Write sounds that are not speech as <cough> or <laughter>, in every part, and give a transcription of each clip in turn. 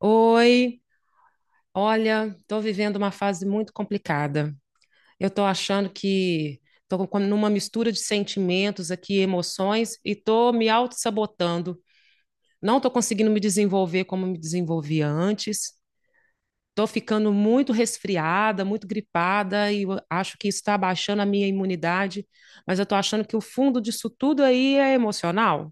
Oi, olha, estou vivendo uma fase muito complicada. Eu estou achando que estou numa mistura de sentimentos aqui, emoções, e estou me auto-sabotando. Não estou conseguindo me desenvolver como me desenvolvia antes. Estou ficando muito resfriada, muito gripada, e eu acho que isso está abaixando a minha imunidade. Mas eu estou achando que o fundo disso tudo aí é emocional.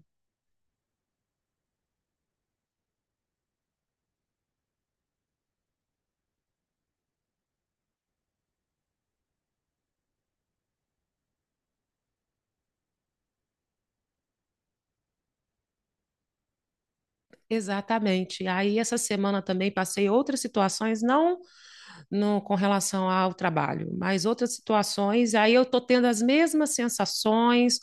Exatamente. Aí essa semana também passei outras situações, não no, com relação ao trabalho, mas outras situações, aí eu estou tendo as mesmas sensações,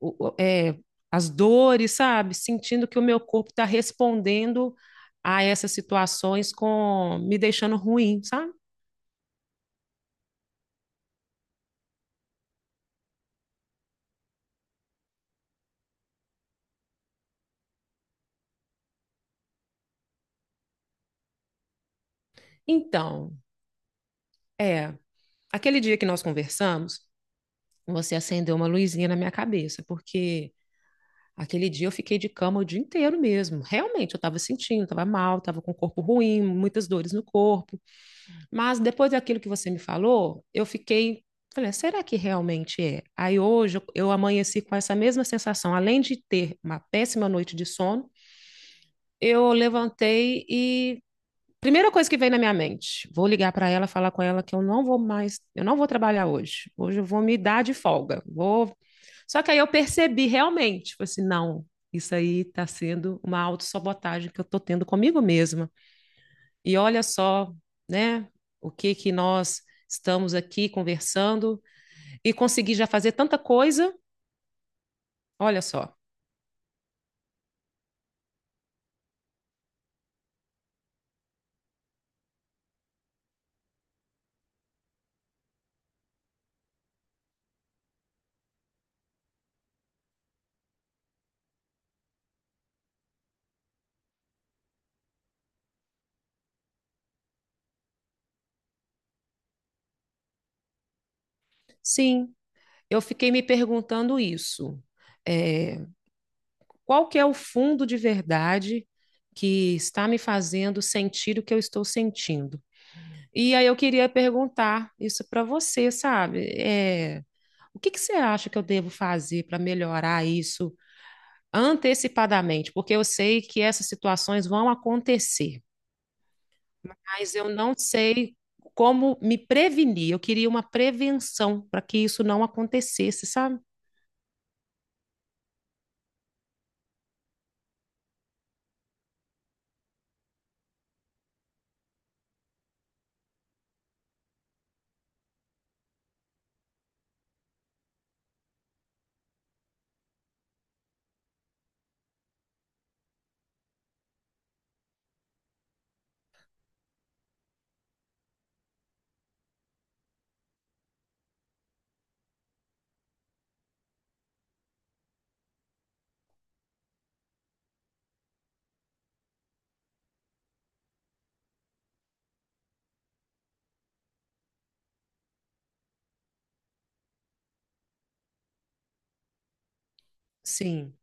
o- o- é, as dores, sabe? Sentindo que o meu corpo está respondendo a essas situações com me deixando ruim, sabe? Então, é, aquele dia que nós conversamos, você acendeu uma luzinha na minha cabeça, porque aquele dia eu fiquei de cama o dia inteiro mesmo. Realmente, eu estava sentindo, estava mal, estava com o corpo ruim, muitas dores no corpo. Mas depois daquilo que você me falou, eu fiquei. Falei, "Ah, será que realmente é?" Aí hoje eu amanheci com essa mesma sensação. Além de ter uma péssima noite de sono, eu levantei e primeira coisa que vem na minha mente, vou ligar para ela, falar com ela que eu não vou mais, eu não vou trabalhar hoje. Hoje eu vou me dar de folga. Vou. Só que aí eu percebi realmente, tipo assim, não, isso aí está sendo uma autossabotagem que eu estou tendo comigo mesma. E olha só, né, o que que nós estamos aqui conversando e consegui já fazer tanta coisa. Olha só. Sim, eu fiquei me perguntando isso. É, qual que é o fundo de verdade que está me fazendo sentir o que eu estou sentindo. E aí eu queria perguntar isso para você, sabe? O que que você acha que eu devo fazer para melhorar isso antecipadamente? Porque eu sei que essas situações vão acontecer, mas eu não sei como me prevenir. Eu queria uma prevenção para que isso não acontecesse, sabe? Sim.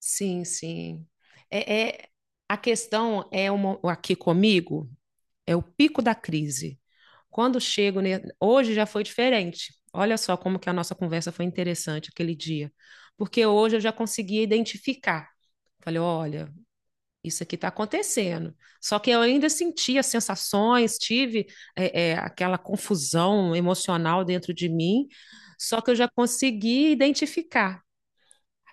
Sim, sim. É, é- a questão é uma, aqui comigo é o pico da crise. Quando chego, ne- hoje já foi diferente. Olha só como que a nossa conversa foi interessante aquele dia, porque hoje eu já conseguia identificar. Falei, olha, isso aqui está acontecendo. Só que eu ainda sentia as sensações, tive aquela confusão emocional dentro de mim, só que eu já consegui identificar,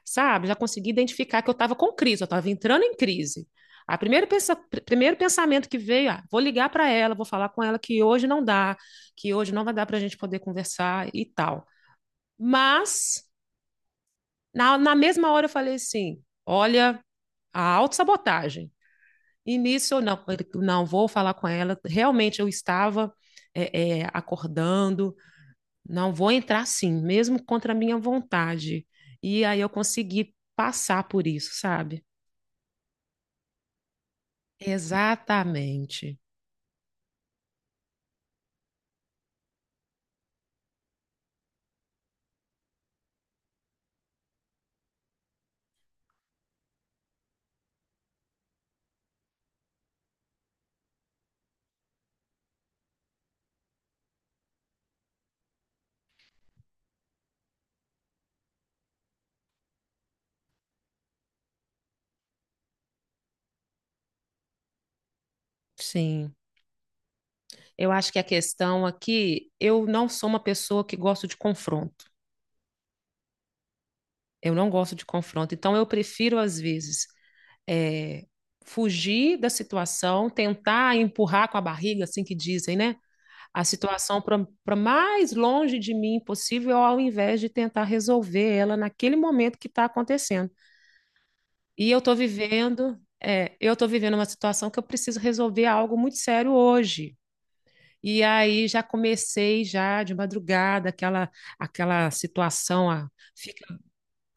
sabe? Já consegui identificar que eu estava com crise, eu estava entrando em crise. A primeiro, pensa, primeiro pensamento que veio, ah, vou ligar para ela, vou falar com ela que hoje não dá, que hoje não vai dar para a gente poder conversar e tal. Mas, na mesma hora eu falei assim, olha, a autossabotagem. E nisso eu não, não vou falar com ela, realmente eu estava acordando, não vou entrar assim, mesmo contra a minha vontade. E aí eu consegui passar por isso, sabe? Exatamente. Sim. Eu acho que a questão aqui, eu não sou uma pessoa que gosto de confronto. Eu não gosto de confronto. Então, eu prefiro, às vezes, eh, fugir da situação, tentar empurrar com a barriga, assim que dizem, né? A situação para mais longe de mim possível, ao invés de tentar resolver ela naquele momento que está acontecendo. E eu estou vivendo, eu estou vivendo uma situação que eu preciso resolver algo muito sério hoje. E aí já comecei já de madrugada aquela aquela situação a, fica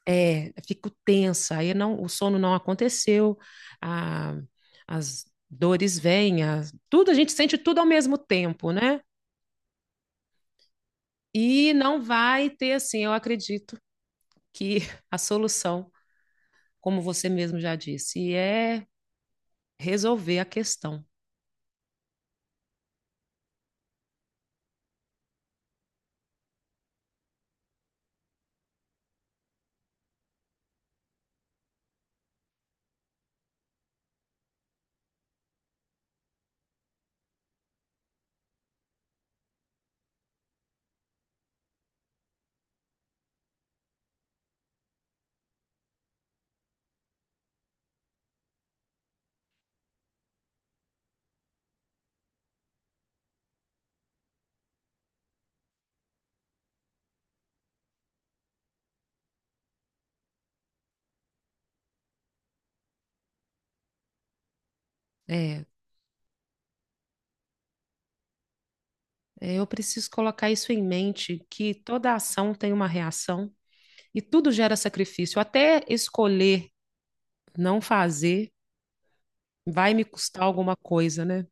é fico tensa aí não o sono não aconteceu a- as dores vêm as- tudo a gente sente tudo ao mesmo tempo, né, e não vai ter assim, eu acredito que <laughs> a solução como você mesmo já disse é resolver a questão. é eu preciso colocar isso em mente que toda ação tem uma reação. E tudo gera sacrifício. Até escolher não fazer vai me custar alguma coisa, né?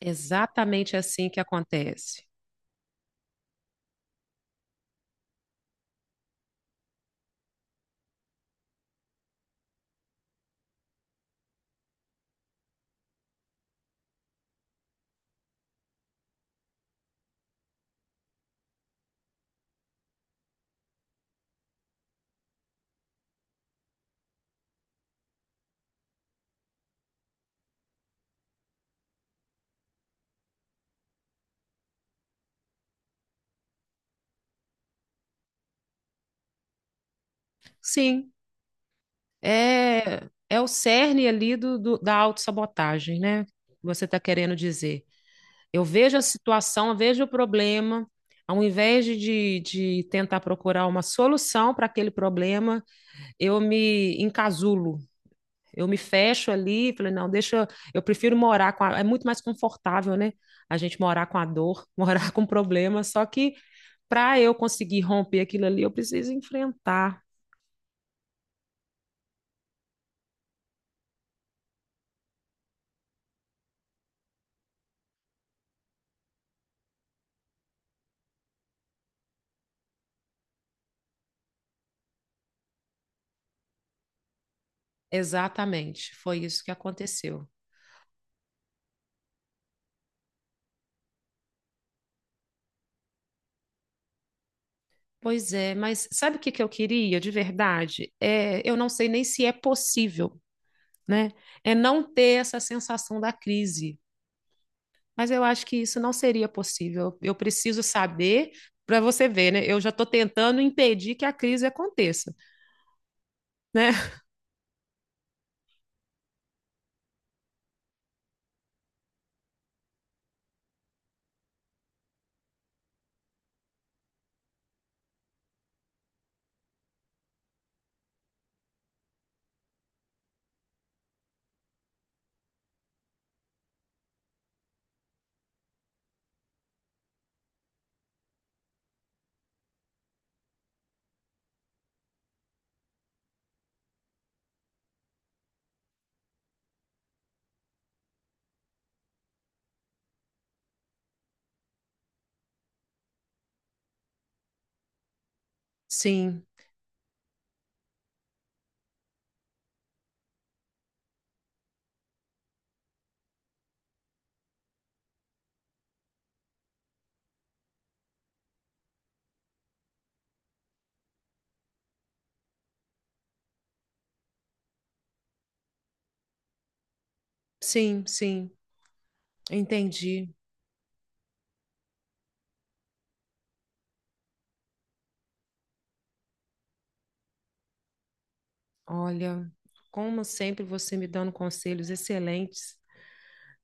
Exatamente assim que acontece. Sim, é, é o cerne ali da autossabotagem, né? Você está querendo dizer. Eu vejo a situação, eu vejo o problema, ao invés de tentar procurar uma solução para aquele problema, eu me encasulo. Eu me fecho ali, falei, não, deixa, eu prefiro morar com a, é muito mais confortável, né? A gente morar com a dor, <laughs> morar com o problema, só que para eu conseguir romper aquilo ali, eu preciso enfrentar. Exatamente, foi isso que aconteceu. Pois é, mas sabe o que que eu queria de verdade? É, eu não sei nem se é possível, né? É não ter essa sensação da crise. Mas eu acho que isso não seria possível. Eu preciso saber, para você ver, né? Eu já estou tentando impedir que a crise aconteça, né? Sim, sim, sim, entendi. Olha, como sempre você me dando conselhos excelentes,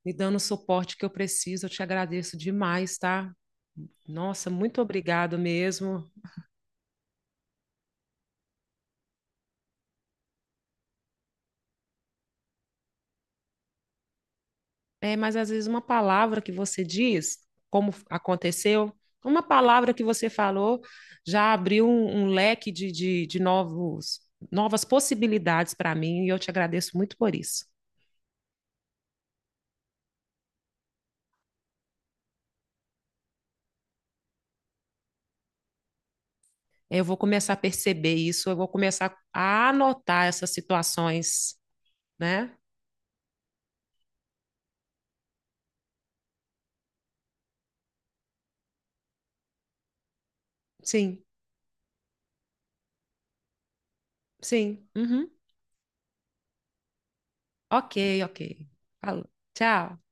me dando o suporte que eu preciso, eu te agradeço demais, tá? Nossa, muito obrigado mesmo. É, mas às vezes uma palavra que você diz, como aconteceu, uma palavra que você falou já abriu um, um leque de novos, novas possibilidades para mim e eu te agradeço muito por isso. Eu vou começar a perceber isso, eu vou começar a anotar essas situações, né? Sim, sim. Uhum. Ok, ok. Falou. Tchau.